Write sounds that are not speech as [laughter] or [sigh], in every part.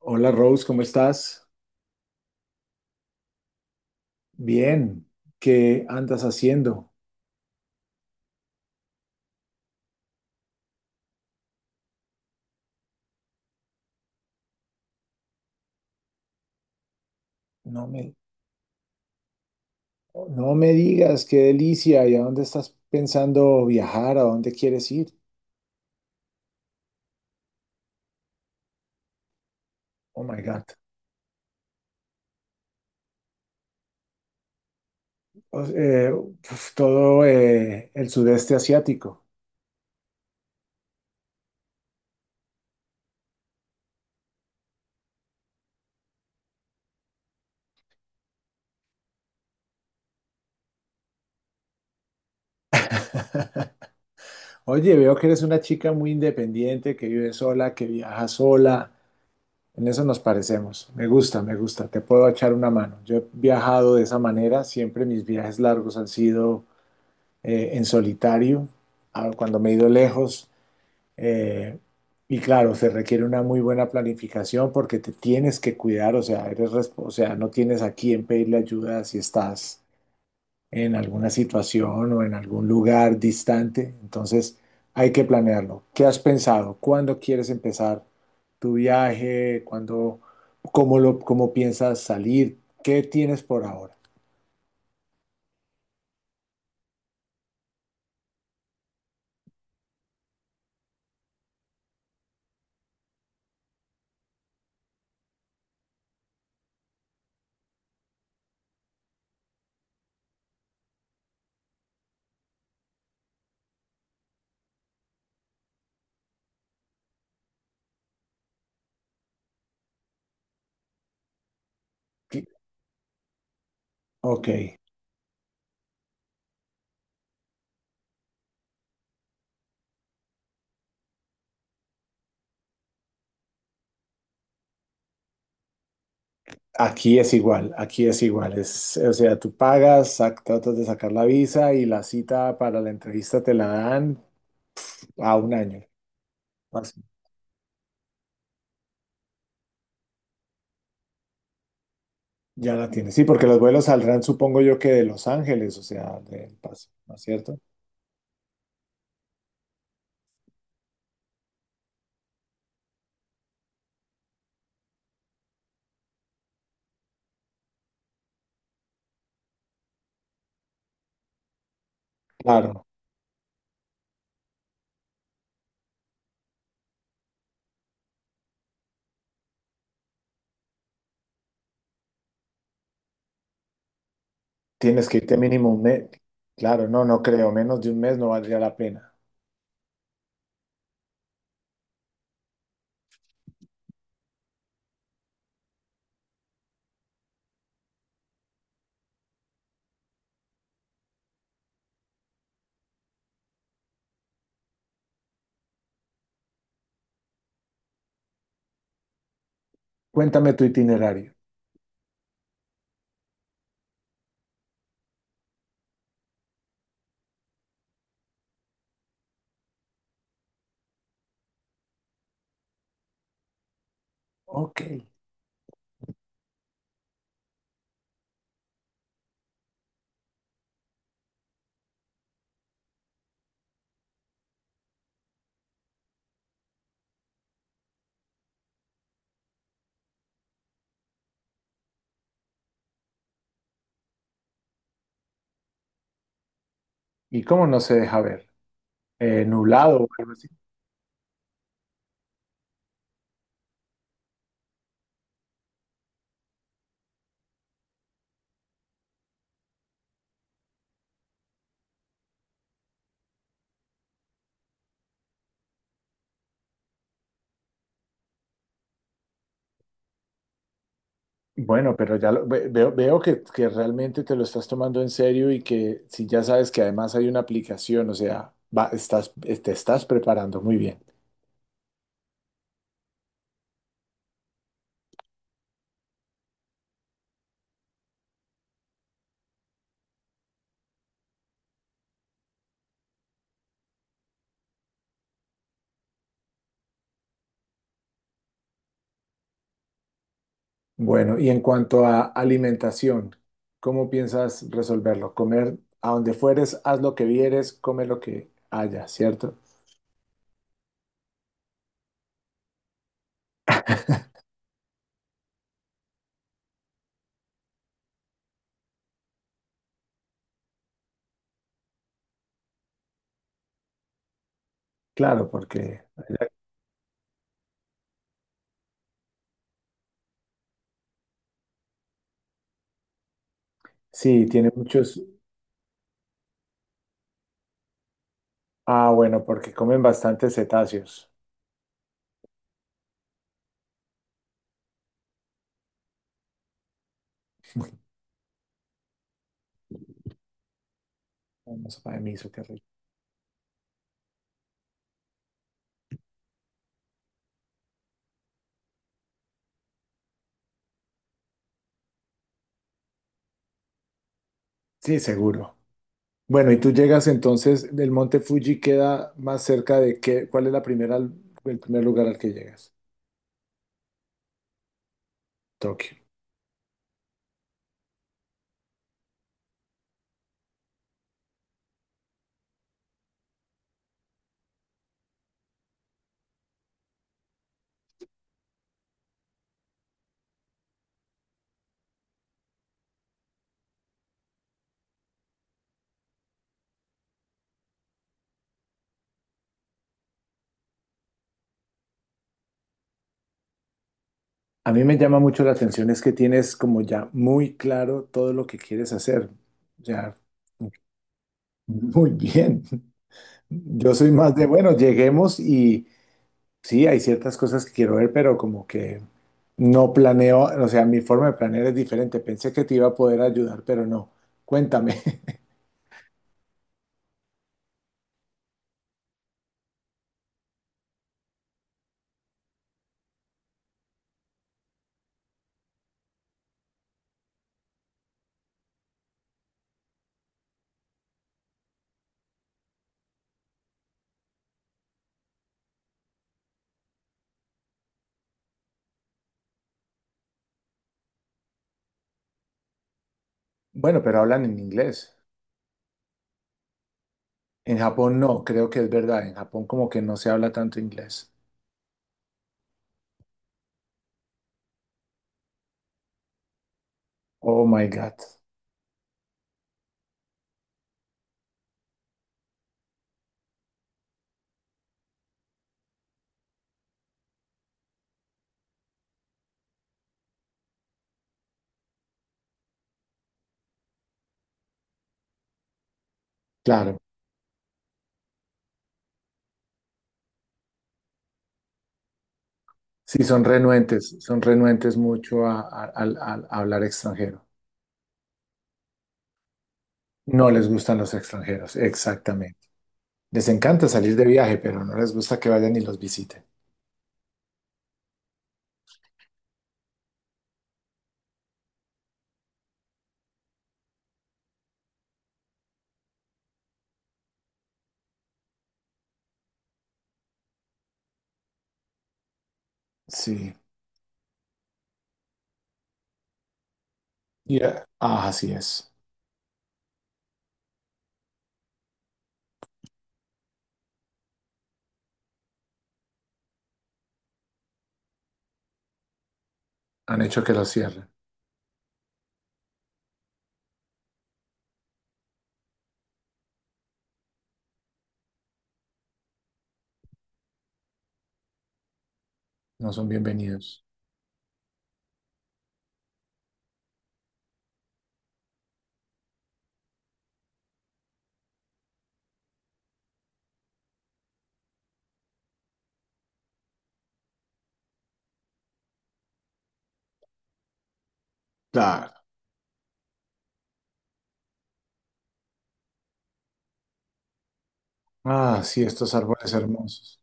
Hola Rose, ¿cómo estás? Bien, ¿qué andas haciendo? No me, no me digas, qué delicia, ¿y a dónde estás pensando viajar? ¿A dónde quieres ir? Oh my God. Uf, todo el sudeste asiático. Oye, veo que eres una chica muy independiente, que vive sola, que viaja sola. En eso nos parecemos. Me gusta, me gusta. Te puedo echar una mano. Yo he viajado de esa manera. Siempre mis viajes largos han sido en solitario, cuando me he ido lejos. eh, y claro, se requiere una muy buena planificación porque te tienes que cuidar, o sea, eres, o sea, no tienes a quién pedirle ayuda si estás en alguna situación o en algún lugar distante. Entonces, hay que planearlo. ¿Qué has pensado? ¿Cuándo quieres empezar tu viaje? ¿Cuándo, cómo lo, cómo piensas salir? ¿Qué tienes por ahora? ¿Qué- Ok. Aquí es igual, aquí es igual. Es, o sea, tú pagas, tratas de sacar la visa y la cita para la entrevista te la dan a un año. Así, ya la tienes. Sí, porque los vuelos saldrán, supongo yo, que de Los Ángeles, o sea, del Paso, ¿no es cierto? Claro, tienes que irte mínimo un mes. Claro, no, no creo, menos de un mes no valdría la pena. Cuéntame tu itinerario. Ok. ¿Y cómo no se deja ver? Nublado o algo. Bueno, pero ya veo que realmente te lo estás tomando en serio y que si ya sabes que además hay una aplicación, o sea, va, estás, te estás preparando muy bien. Bueno, y en cuanto a alimentación, ¿cómo piensas resolverlo? Comer a donde fueres, haz lo que vieres, come lo que haya, ¿cierto? Claro, porque sí, tiene muchos. Ah, bueno, porque comen bastantes cetáceos. Una sopa de miso, qué rico. Sí, seguro. Bueno, y tú llegas entonces, del monte Fuji queda más cerca de qué, ¿cuál es la primera, el primer lugar al que llegas? Tokio. A mí me llama mucho la atención es que tienes como ya muy claro todo lo que quieres hacer. Ya, [laughs] muy bien. Yo soy más de, bueno, lleguemos y, sí, hay ciertas cosas que quiero ver, pero como que no planeo, o sea, mi forma de planear es diferente. Pensé que te iba a poder ayudar, pero no. Cuéntame. [laughs] Bueno, pero hablan en inglés. En Japón no, creo que es verdad. En Japón como que no se habla tanto inglés. Oh my God. Claro. Sí, son renuentes mucho al hablar extranjero. No les gustan los extranjeros, exactamente. Les encanta salir de viaje, pero no les gusta que vayan y los visiten. Sí. Yeah. Ah, así es. Han hecho que lo cierren. No son bienvenidos. Claro. Ah, sí, estos árboles hermosos.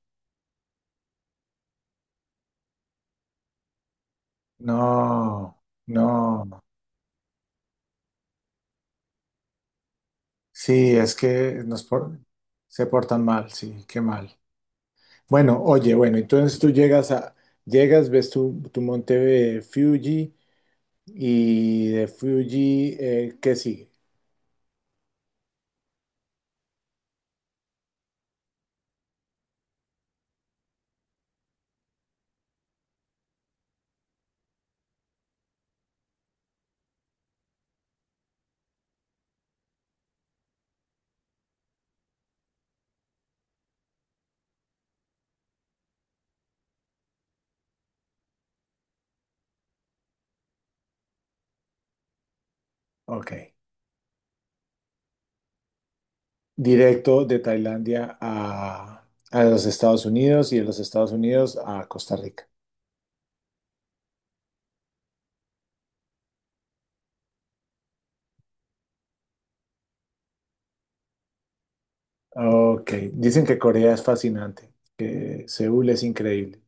No, no. Sí, es que se portan mal, sí, qué mal. Bueno, oye, bueno, entonces tú llegas, ves tu monte Fuji y de Fuji, ¿qué sigue? Ok. Directo de Tailandia a los Estados Unidos y de los Estados Unidos a Costa Rica. Ok, dicen que Corea es fascinante, que Seúl es increíble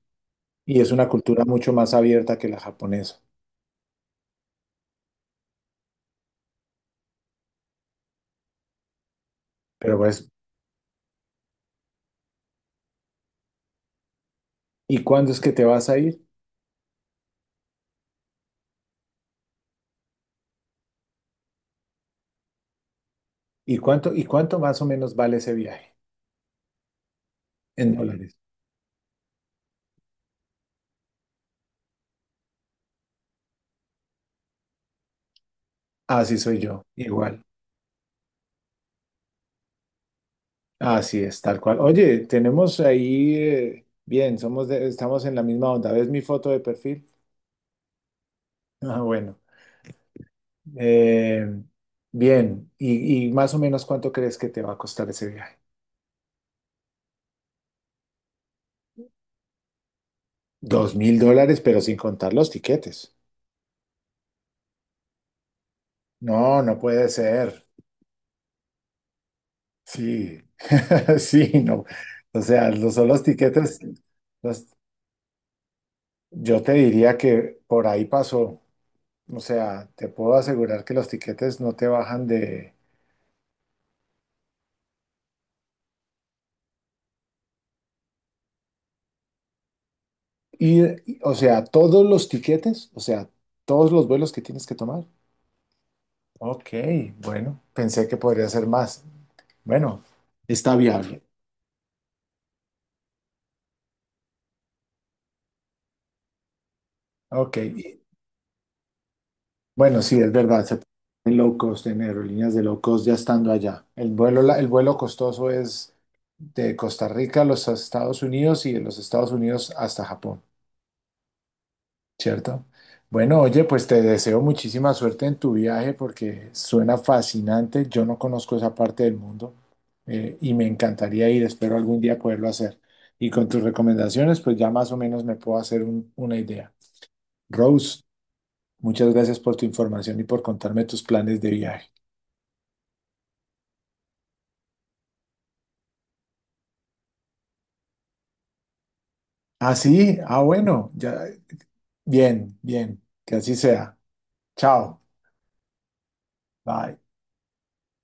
y es una cultura mucho más abierta que la japonesa. Pero pues, ¿y cuándo es que te vas a ir? ¿Y cuánto más o menos vale ese viaje en dólares? Así soy yo, igual. Así es, tal cual. Oye, tenemos ahí, bien, estamos en la misma onda. ¿Ves mi foto de perfil? [laughs] Ah, bueno. Eh, Bien. ¿Y más o menos cuánto crees que te va a costar ese viaje? $2,000, pero sin contar los tiquetes. No, no puede ser. Sí, [laughs] sí, no. O sea, son los tiquetes, los- yo te diría que por ahí pasó. O sea, te puedo asegurar que los tiquetes no te bajan de ir, o sea, todos los tiquetes, o sea, todos los vuelos que tienes que tomar. Ok, bueno, pensé que podría ser más. Bueno, está viable. Ok, bueno, sí, es verdad, se pueden low cost en aerolíneas de low cost ya estando allá. El vuelo costoso es de Costa Rica a los Estados Unidos y de los Estados Unidos hasta Japón, ¿cierto? Bueno, oye, pues te deseo muchísima suerte en tu viaje porque suena fascinante. Yo no conozco esa parte del mundo y me encantaría ir, espero algún día poderlo hacer. Y con tus recomendaciones, pues ya más o menos me puedo hacer una idea. Rose, muchas gracias por tu información y por contarme tus planes de viaje. Ah, sí, ah, bueno, ya, bien, bien, que así sea. Chao, bye.